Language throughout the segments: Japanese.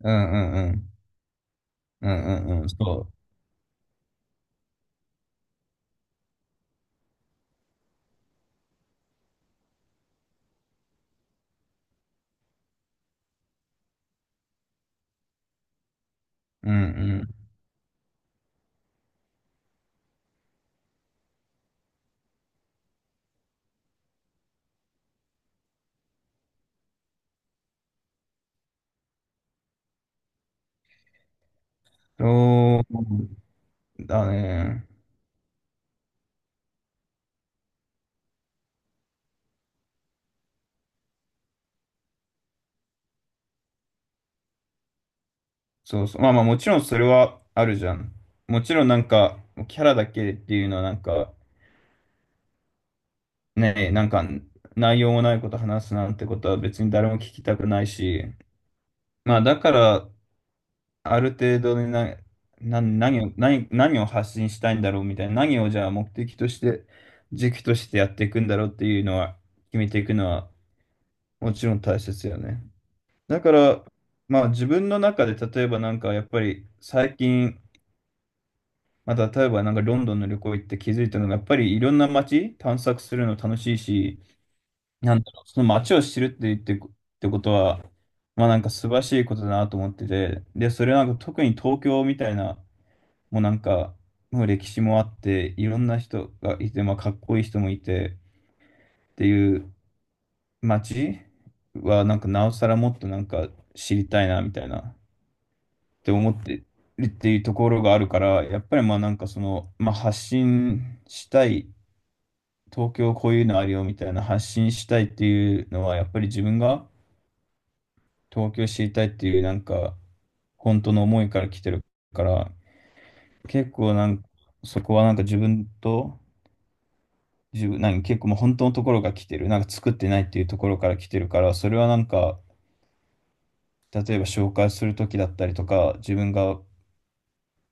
うんうんうん。うんうんうん。そう。うんうん。そうだね。そうそう。まあまあもちろんそれはあるじゃん。もちろんキャラだけっていうのはね、なんか内容もないこと話すなんてことは別に誰も聞きたくないし、まあだから、ある程度でな、何を、何、何を発信したいんだろうみたいな、何をじゃあ目的として、軸としてやっていくんだろうっていうのは、決めていくのはもちろん大切よね。だから、まあ自分の中で例えばなんかやっぱり最近、まあ、例えばなんかロンドンの旅行行って気づいたのがやっぱりいろんな街探索するの楽しいし、なんだろう、その街を知るってことは、まあなんか素晴らしいことだなと思ってて、で、それはなんか特に東京みたいな、もうなんか、もう歴史もあって、いろんな人がいて、まあかっこいい人もいてっていう街はなんかなおさらもっとなんか知りたいなみたいな。って思ってるっていうところがあるから、やっぱりまあなんかその、まあ発信したい、東京こういうのあるよみたいな発信したいっていうのは、やっぱり自分が東京知りたいっていうなんか、本当の思いから来てるから、結構なんか、そこはなんか自分と、自分、なんか結構もう本当のところが来てる、なんか作ってないっていうところから来てるから、それはなんか、例えば紹介するときだったりとか、自分が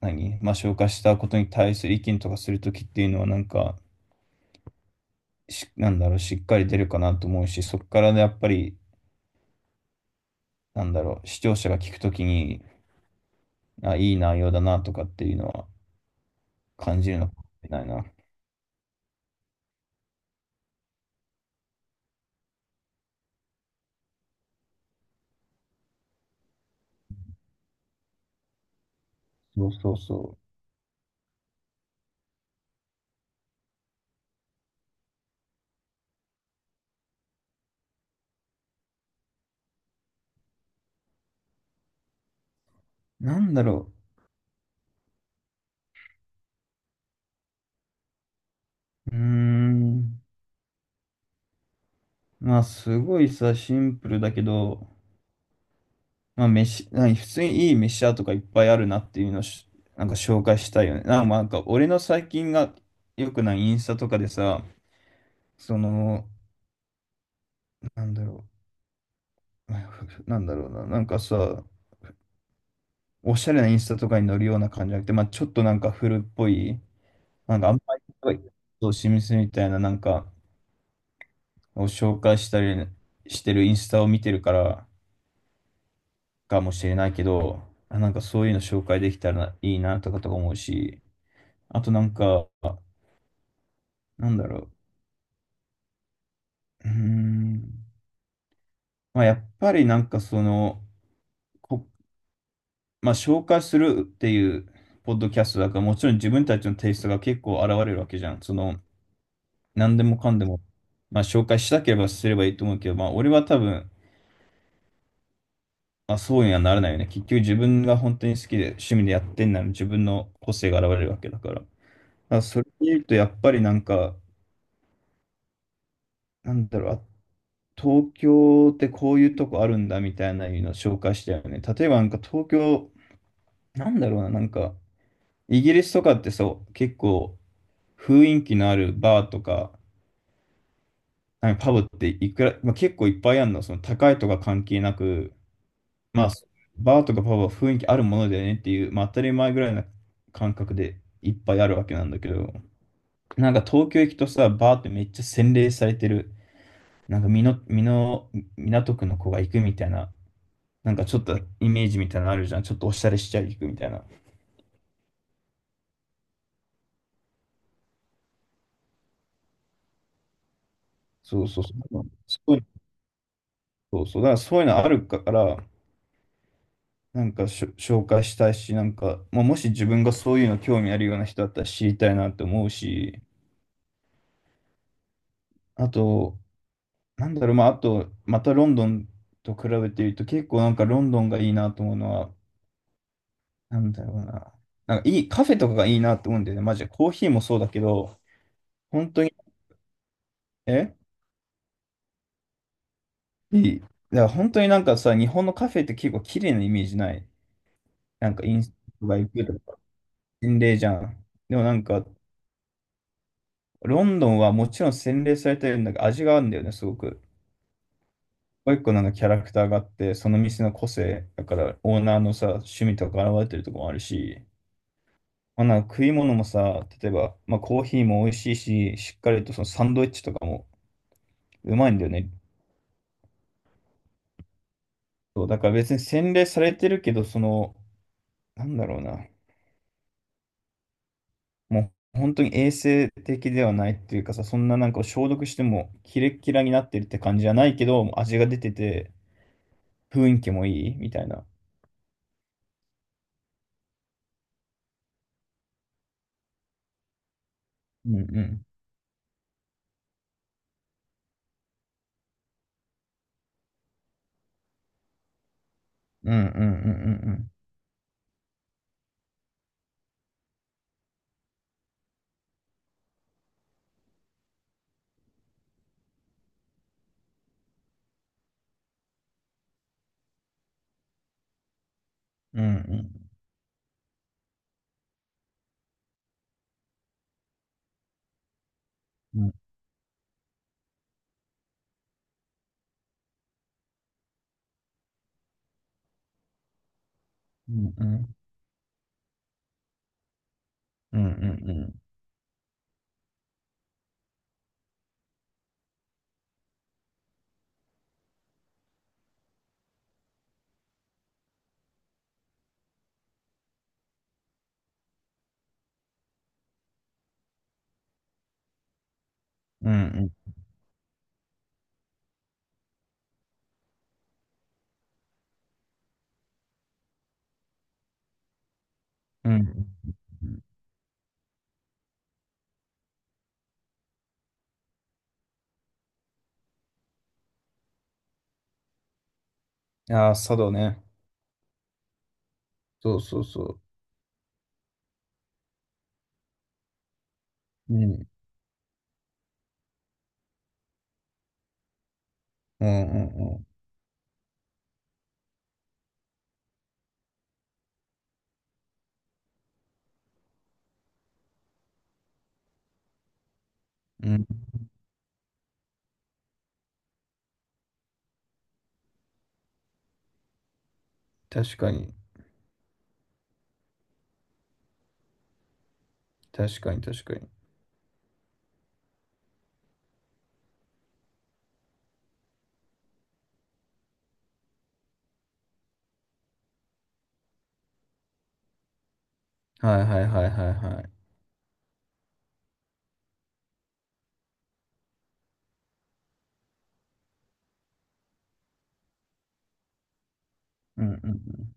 まあ、紹介したことに対する意見とかするときっていうのは、なんだろう、しっかり出るかなと思うし、そこからね、やっぱり、なんだろう、視聴者が聞くときに、あ、いい内容だなとかっていうのは感じるのかもしれないな。そうそうそう。なんだろう、うーん、まあ、すごいさ、シンプルだけど、まあ、飯、なんか普通にいい飯屋とかいっぱいあるなっていうのをし、なんか紹介したいよね。なんか、まあなんか俺の最近が良くないインスタとかでさ、その、なんだろう、なんだろうな、なんかさ、おしゃれなインスタとかに載るような感じじゃなくて、まあ、ちょっとなんか古っぽい、なんかあんまりこうそうミスみたいななんかを紹介したりしてるインスタを見てるからかもしれないけど、あなんかそういうの紹介できたらいいなとかとか思うし、あとなんか、なんだろう、うーん、まあ、やっぱりなんかその、こ、まあ、紹介するっていうポッドキャストだから、もちろん自分たちのテイストが結構現れるわけじゃん。その、何でもかんでも、まあ、紹介したければすればいいと思うけど、まあ、俺は多分、まあ、そうにはならないよね。結局自分が本当に好きで趣味でやってんなら自分の個性が現れるわけだから。だからそれで言うと、やっぱりなんか、なんだろう、あ東京ってこういうとこあるんだみたいなのを紹介したよね。例えばなんか東京、なんだろうな、なんか、イギリスとかってそう、結構雰囲気のあるバーとか、なんかパブっていくら、まあ、結構いっぱいあるの、その高いとか関係なく、まあ、バーとかパブは雰囲気あるものだよねっていう、まあ、当たり前ぐらいな感覚でいっぱいあるわけなんだけど、なんか東京行くとさ、バーってめっちゃ洗練されてる、なんか美濃、美濃、港区の子が行くみたいな、なんかちょっとイメージみたいなのあるじゃん。ちょっとおしゃれしちゃい行くみたいな。そうそうそう。そういうそうそう。だからそういうのあるから、なんか紹介したいし、なんか、まあ、もし自分がそういうの興味あるような人だったら知りたいなって思うし、あと、なんだろう、まあ、あと、またロンドンと比べていると、結構なんかロンドンがいいなと思うのは、なんだろうな。なんかいい、カフェとかがいいなと思うんだよね。マジで。コーヒーもそうだけど、本当に、えいい。だから本当になんかさ、日本のカフェって結構綺麗なイメージない。なんかインスタが行くとか、洗礼じゃん。でもなんか、ロンドンはもちろん洗礼されてるんだけど、味があるんだよね、すごく。もう一個なんかキャラクターがあって、その店の個性、だからオーナーのさ、趣味とか現れてるとこもあるし、まあ、なんか食い物もさ、例えば、まあ、コーヒーも美味しいし、しっかりとそのサンドイッチとかもうまいんだよね。そうだから別に洗練されてるけど、その、なんだろうな、もう本当に衛生的ではないっていうかさ、そんななんか消毒してもキレキラになってるって感じじゃないけど、味が出てて、雰囲気もいいみたいな。うんうん。うんうんうんうんうん。うんうんうんうんうんうんうんうんうんうんうんうんうんうんうんうん。ああ、佐道ね。そうそうそう。うんうんうんうん。うん。確かに。確かに確かに。はいはいはいはいはい。うんうんうん。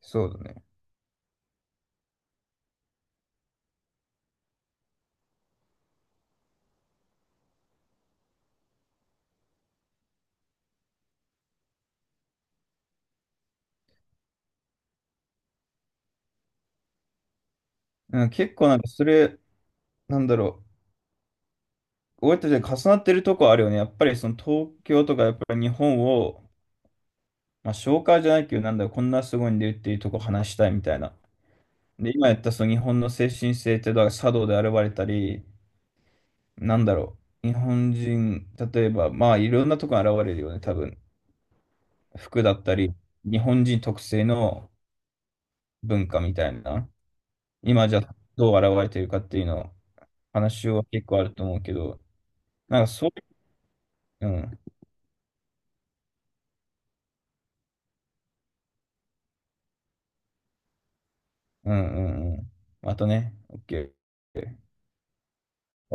そうだね。うん、結構なんかそれ、なんだろう。俺たちが重なってるとこあるよね。やっぱりその東京とかやっぱり日本を、まあ紹介じゃないけど、なんだろう、こんなすごいんでっていうとこ話したいみたいな。で、今やったその日本の精神性って、だから茶道で現れたり、なんだろう。日本人、例えば、まあいろんなとこに現れるよね、多分。服だったり、日本人特性の、文化みたいな、今じゃどう現れてるかっていうの、話は結構あると思うけど、なんかそう、うん、うん、うん、うん。またね、OK。